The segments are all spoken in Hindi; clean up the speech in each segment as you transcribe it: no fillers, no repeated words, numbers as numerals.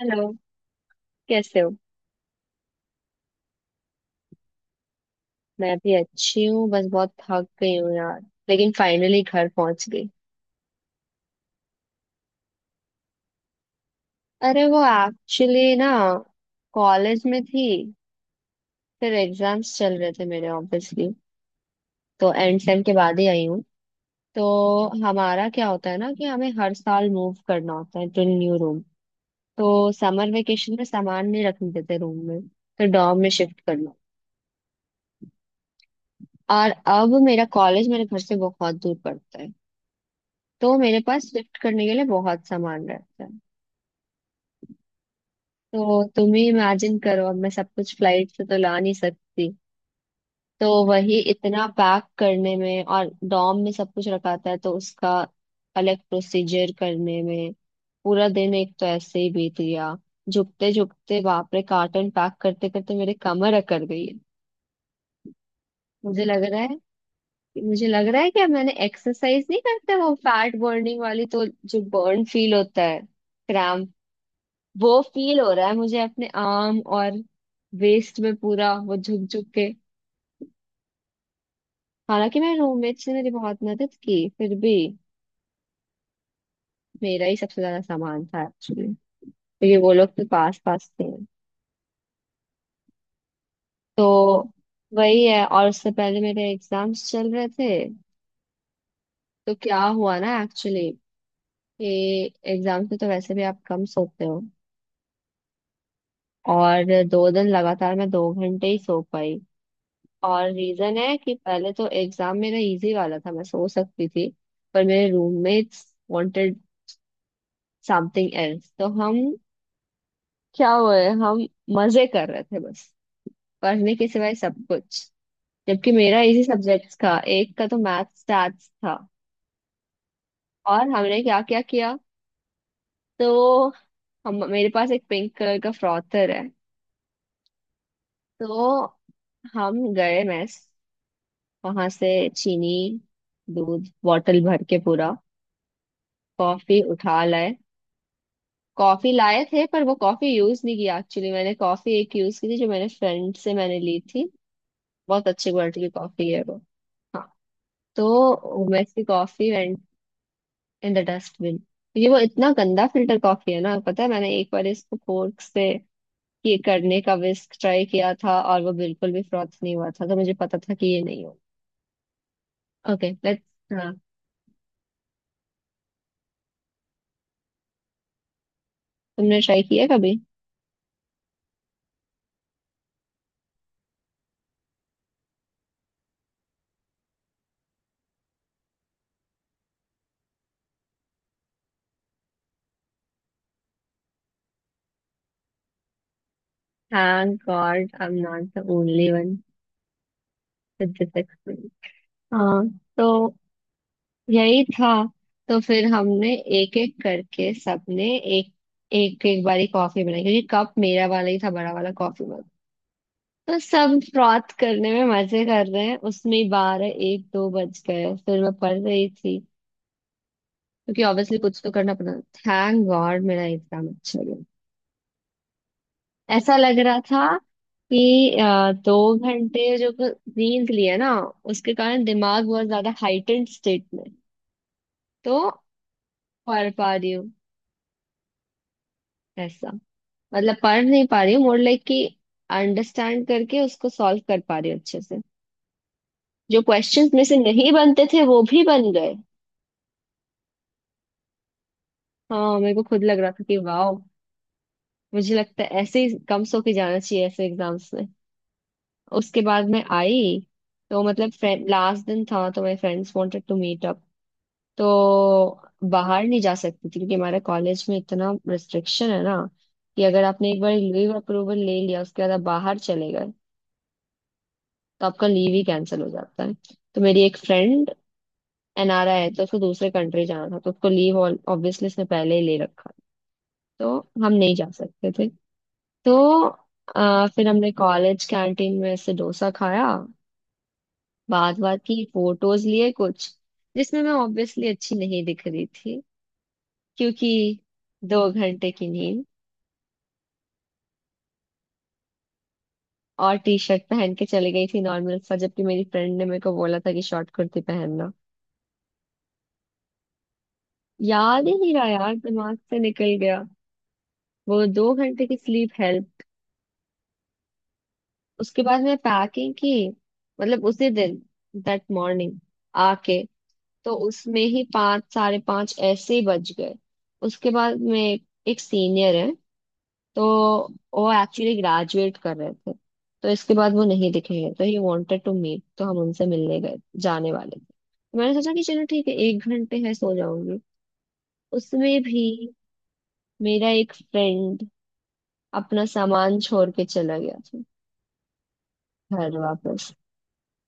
हेलो। कैसे हो? मैं भी अच्छी हूँ बस बहुत थक गई हूँ यार। लेकिन फाइनली घर पहुंच गई। अरे वो एक्चुअली ना कॉलेज में थी। फिर एग्जाम्स चल रहे थे मेरे ऑब्वियसली। तो एंड सेम के बाद ही आई हूँ। तो हमारा क्या होता है ना कि हमें हर साल मूव करना होता है टू न्यू रूम। तो समर वेकेशन में सामान नहीं रखने देते रूम में तो डॉर्म में शिफ्ट करना। और अब मेरा कॉलेज मेरे घर से बहुत दूर पड़ता है। तो मेरे पास शिफ्ट करने के लिए बहुत सामान रहता है। तो तुम ही इमेजिन करो, अब मैं सब कुछ फ्लाइट से तो ला नहीं सकती। तो वही इतना पैक करने में और डॉम में सब कुछ रखा था तो उसका अलग प्रोसीजर करने में पूरा दिन एक तो ऐसे ही बीत गया। झुकते झुकते बाप रे कार्टन पैक करते करते मेरे कमर अकड़ गई है। मुझे लग रहा है मुझे लग रहा है कि अब मैंने एक्सरसाइज नहीं करता वो फैट बर्निंग वाली। तो जो बर्न फील होता है, क्रैम्प, वो फील हो रहा है मुझे अपने आर्म और वेस्ट में, पूरा वो झुक झुक के। हालांकि मेरे रूममेट ने मेरी बहुत मदद की फिर भी मेरा ही सबसे ज्यादा सामान था एक्चुअली। क्योंकि वो लोग तो पास पास थे। तो वही है। और उससे पहले मेरे एग्जाम्स चल रहे थे। तो क्या हुआ ना एक्चुअली कि एग्जाम्स में तो वैसे भी आप कम सोते हो। और 2 दिन लगातार मैं 2 घंटे ही सो पाई। और रीजन है कि पहले तो एग्जाम मेरा इजी वाला था मैं सो सकती थी। पर मेरे रूममेट्स वांटेड समथिंग एल्स, तो हम क्या हुए, हम मजे कर रहे थे बस, पढ़ने के सिवाय सब कुछ। जबकि मेरा इजी सब्जेक्ट्स था, एक का तो मैथ स्टैट्स था। और हमने क्या क्या किया? तो हम, मेरे पास एक पिंक कलर का फ्रॉथर है। तो हम गए मेस, वहां से चीनी, दूध बॉटल भर के पूरा कॉफी उठा लाए। कॉफी लाए थे पर वो कॉफी यूज नहीं किया एक्चुअली। मैंने कॉफी एक यूज की थी जो मैंने फ्रेंड से मैंने ली थी। बहुत अच्छी क्वालिटी की कॉफी है वो। हाँ। तो वैसी coffee went in the dustbin. ये वो इतना गंदा फिल्टर कॉफी है ना, पता है मैंने एक बार इसको फोर्क से ये करने का विस्क ट्राई किया था और वो बिल्कुल भी फ्रॉथ नहीं हुआ था, तो मुझे पता था कि ये नहीं हो। Okay let's. हाँ तुमने ट्राई किया कभी? Thank God I am not the only one with this experience. हाँ। तो यही था। तो फिर हमने एक एक करके सबने एक एक एक बारी कॉफी बनाई, क्योंकि कप मेरा वाला ही था, बड़ा वाला कॉफी मग। तो सब फ्रॉथ करने में मजे कर रहे हैं, उसमें ही बारह एक दो बज गए। फिर मैं पढ़ रही थी, क्योंकि ऑब्वियसली कुछ तो करना पड़ा। थैंक गॉड मेरा एग्जाम अच्छा गया। ऐसा लग रहा था कि 2 घंटे जो नींद लिया ना उसके कारण दिमाग बहुत ज्यादा हाइटेंड स्टेट में। तो पढ़ पा रही हूँ ऐसा। मतलब पढ़ नहीं पा रही हूँ, मोर लाइक कि अंडरस्टैंड करके उसको सॉल्व कर पा रही हूँ अच्छे से। जो क्वेश्चंस में से नहीं बनते थे वो भी बन गए। हाँ मेरे को खुद लग रहा था कि वाह। मुझे लगता है ऐसे ही कम सो के जाना चाहिए ऐसे एग्जाम्स में। उसके बाद मैं आई। तो मतलब फ्रेंड लास्ट दिन था तो my friends wanted to meet up. तो बाहर नहीं जा सकती थी, क्योंकि हमारे कॉलेज में इतना रिस्ट्रिक्शन है ना कि अगर आपने एक बार लीव अप्रूवल ले लिया, उसके बाद आप बाहर चले गए तो आपका लीव ही कैंसिल हो जाता है। तो मेरी एक फ्रेंड एनआरआई है तो उसको दूसरे कंट्री जाना था, तो उसको लीव ऑब्वियसली उसने पहले ही ले रखा। तो हम नहीं जा सकते थे। तो फिर हमने कॉलेज कैंटीन में से डोसा खाया। बात बात की फोटोज लिए कुछ, जिसमें मैं ऑब्वियसली अच्छी नहीं दिख रही थी, क्योंकि 2 घंटे की नींद। और टी शर्ट पहन के चली गई थी नॉर्मल सा, जबकि मेरी फ्रेंड ने मेरे को बोला था कि शॉर्ट कुर्ती पहनना। याद ही नहीं रहा यार, दिमाग से निकल गया। वो 2 घंटे की स्लीप हेल्प। उसके बाद मैं पैकिंग की, मतलब उसी दिन, दैट मॉर्निंग आके। तो उसमें ही पाँच साढ़े पाँच ऐसे ही बज गए। उसके बाद में एक सीनियर है तो वो एक्चुअली ग्रेजुएट कर रहे थे। तो इसके बाद वो नहीं दिखे, तो ही वांटेड टू मीट, तो हम उनसे मिलने गए। जाने वाले थे तो मैंने सोचा कि चलो ठीक है 1 घंटे है सो जाऊंगी। उसमें भी मेरा एक फ्रेंड अपना सामान छोड़ के चला गया था घर वापस।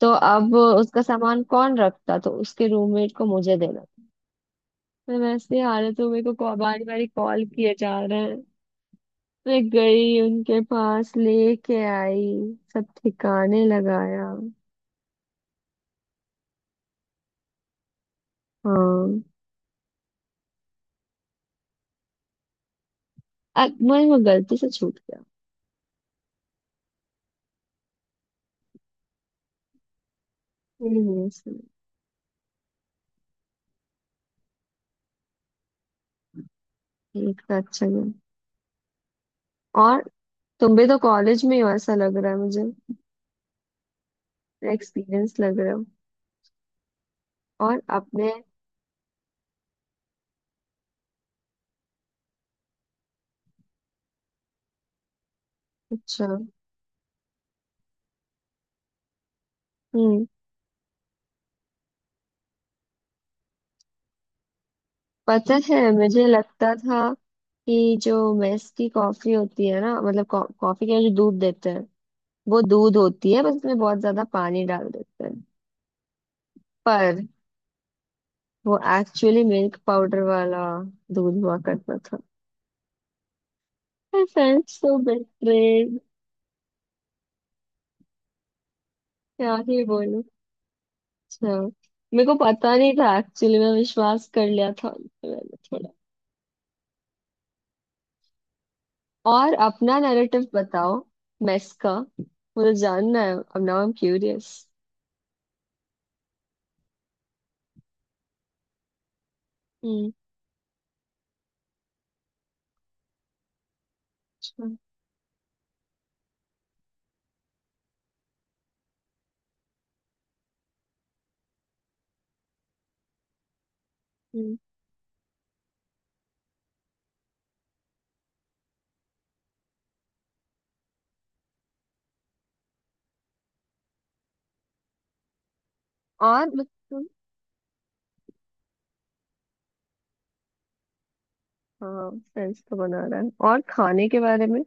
तो अब उसका सामान कौन रखता, तो उसके रूममेट को मुझे देना। मैं वैसे हालत में, मेरे को बारी बारी कॉल किए जा रहे हैं। मैं गई उनके पास लेके आई, सब ठिकाने लगाया। हाँ। मैं वो गलती से छूट गया। इसमें। एक तो अच्छा गया। और तुम भी तो कॉलेज में ही हो ऐसा लग रहा है मुझे। एक्सपीरियंस लग रहा है, और अपने। अच्छा। हम्म। पता है मुझे लगता था कि जो मेस की कॉफी होती है ना, मतलब कॉफी के जो दूध देते हैं वो दूध होती है, बस उसमें बहुत ज्यादा पानी डाल देते हैं। पर वो एक्चुअली मिल्क पाउडर वाला दूध हुआ करता था। I felt so betrayed. क्या ही बोलूं। अच्छा। मेरे को पता नहीं था एक्चुअली, मैं विश्वास कर लिया था उन पे मैंने थोड़ा। और अपना नैरेटिव बताओ, मेस का। मुझे जानना है अब, now I am curious. Hmm. अच्छा, हम्म। और मतलब। हाँ, फ्रेंड्स तो बना रहा है, और खाने के बारे में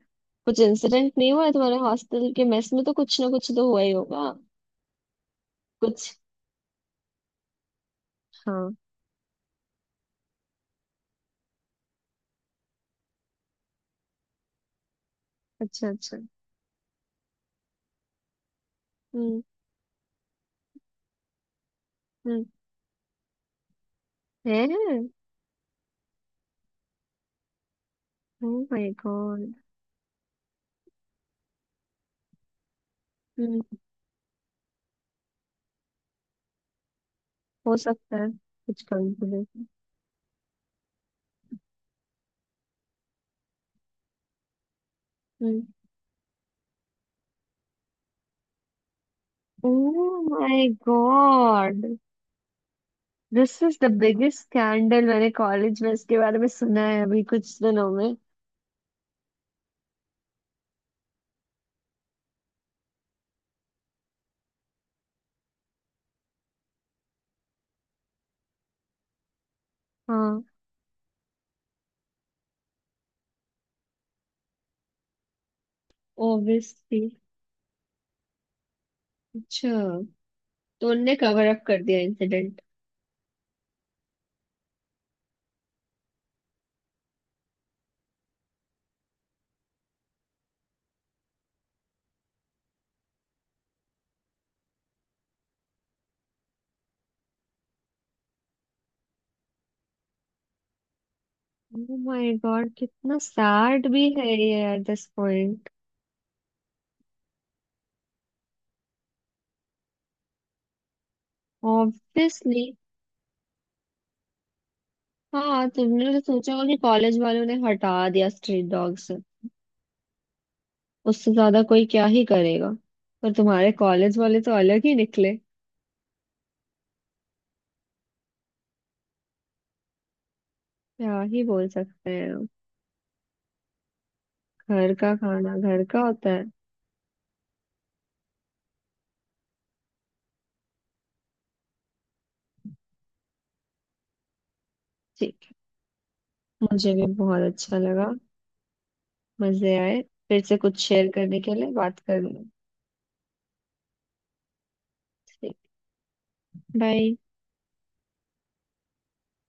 कुछ इंसिडेंट नहीं हुआ है? तुम्हारे हॉस्टल के मेस में तो कुछ ना कुछ तो हुआ ही होगा। कुछ। हाँ। अच्छा अच्छा। हम्म। हम्म। है। Oh my God. हम्म। हो सकता है कुछ कंफ्यूजन। हम्म। Oh my God, this is the biggest scandal, मैंने कॉलेज में इसके बारे में सुना है अभी कुछ दिनों में। हाँ। ऑब्वियसली। अच्छा, तो उनने कवर अप कर दिया इंसिडेंट। ओह माय गॉड, कितना सैड भी है ये एट दिस पॉइंट। ऑब्वियसली। हाँ, तुमने तो सोचा होगा कि कॉलेज वालों ने हटा दिया स्ट्रीट डॉग से। उससे ज्यादा कोई क्या ही करेगा। पर तुम्हारे कॉलेज वाले तो अलग ही निकले। क्या ही बोल सकते हैं। घर का खाना घर का होता है। ठीक है, मुझे भी बहुत अच्छा लगा। मजे आए। फिर से कुछ शेयर करने के लिए बात करूंगी। ठीक, बाय।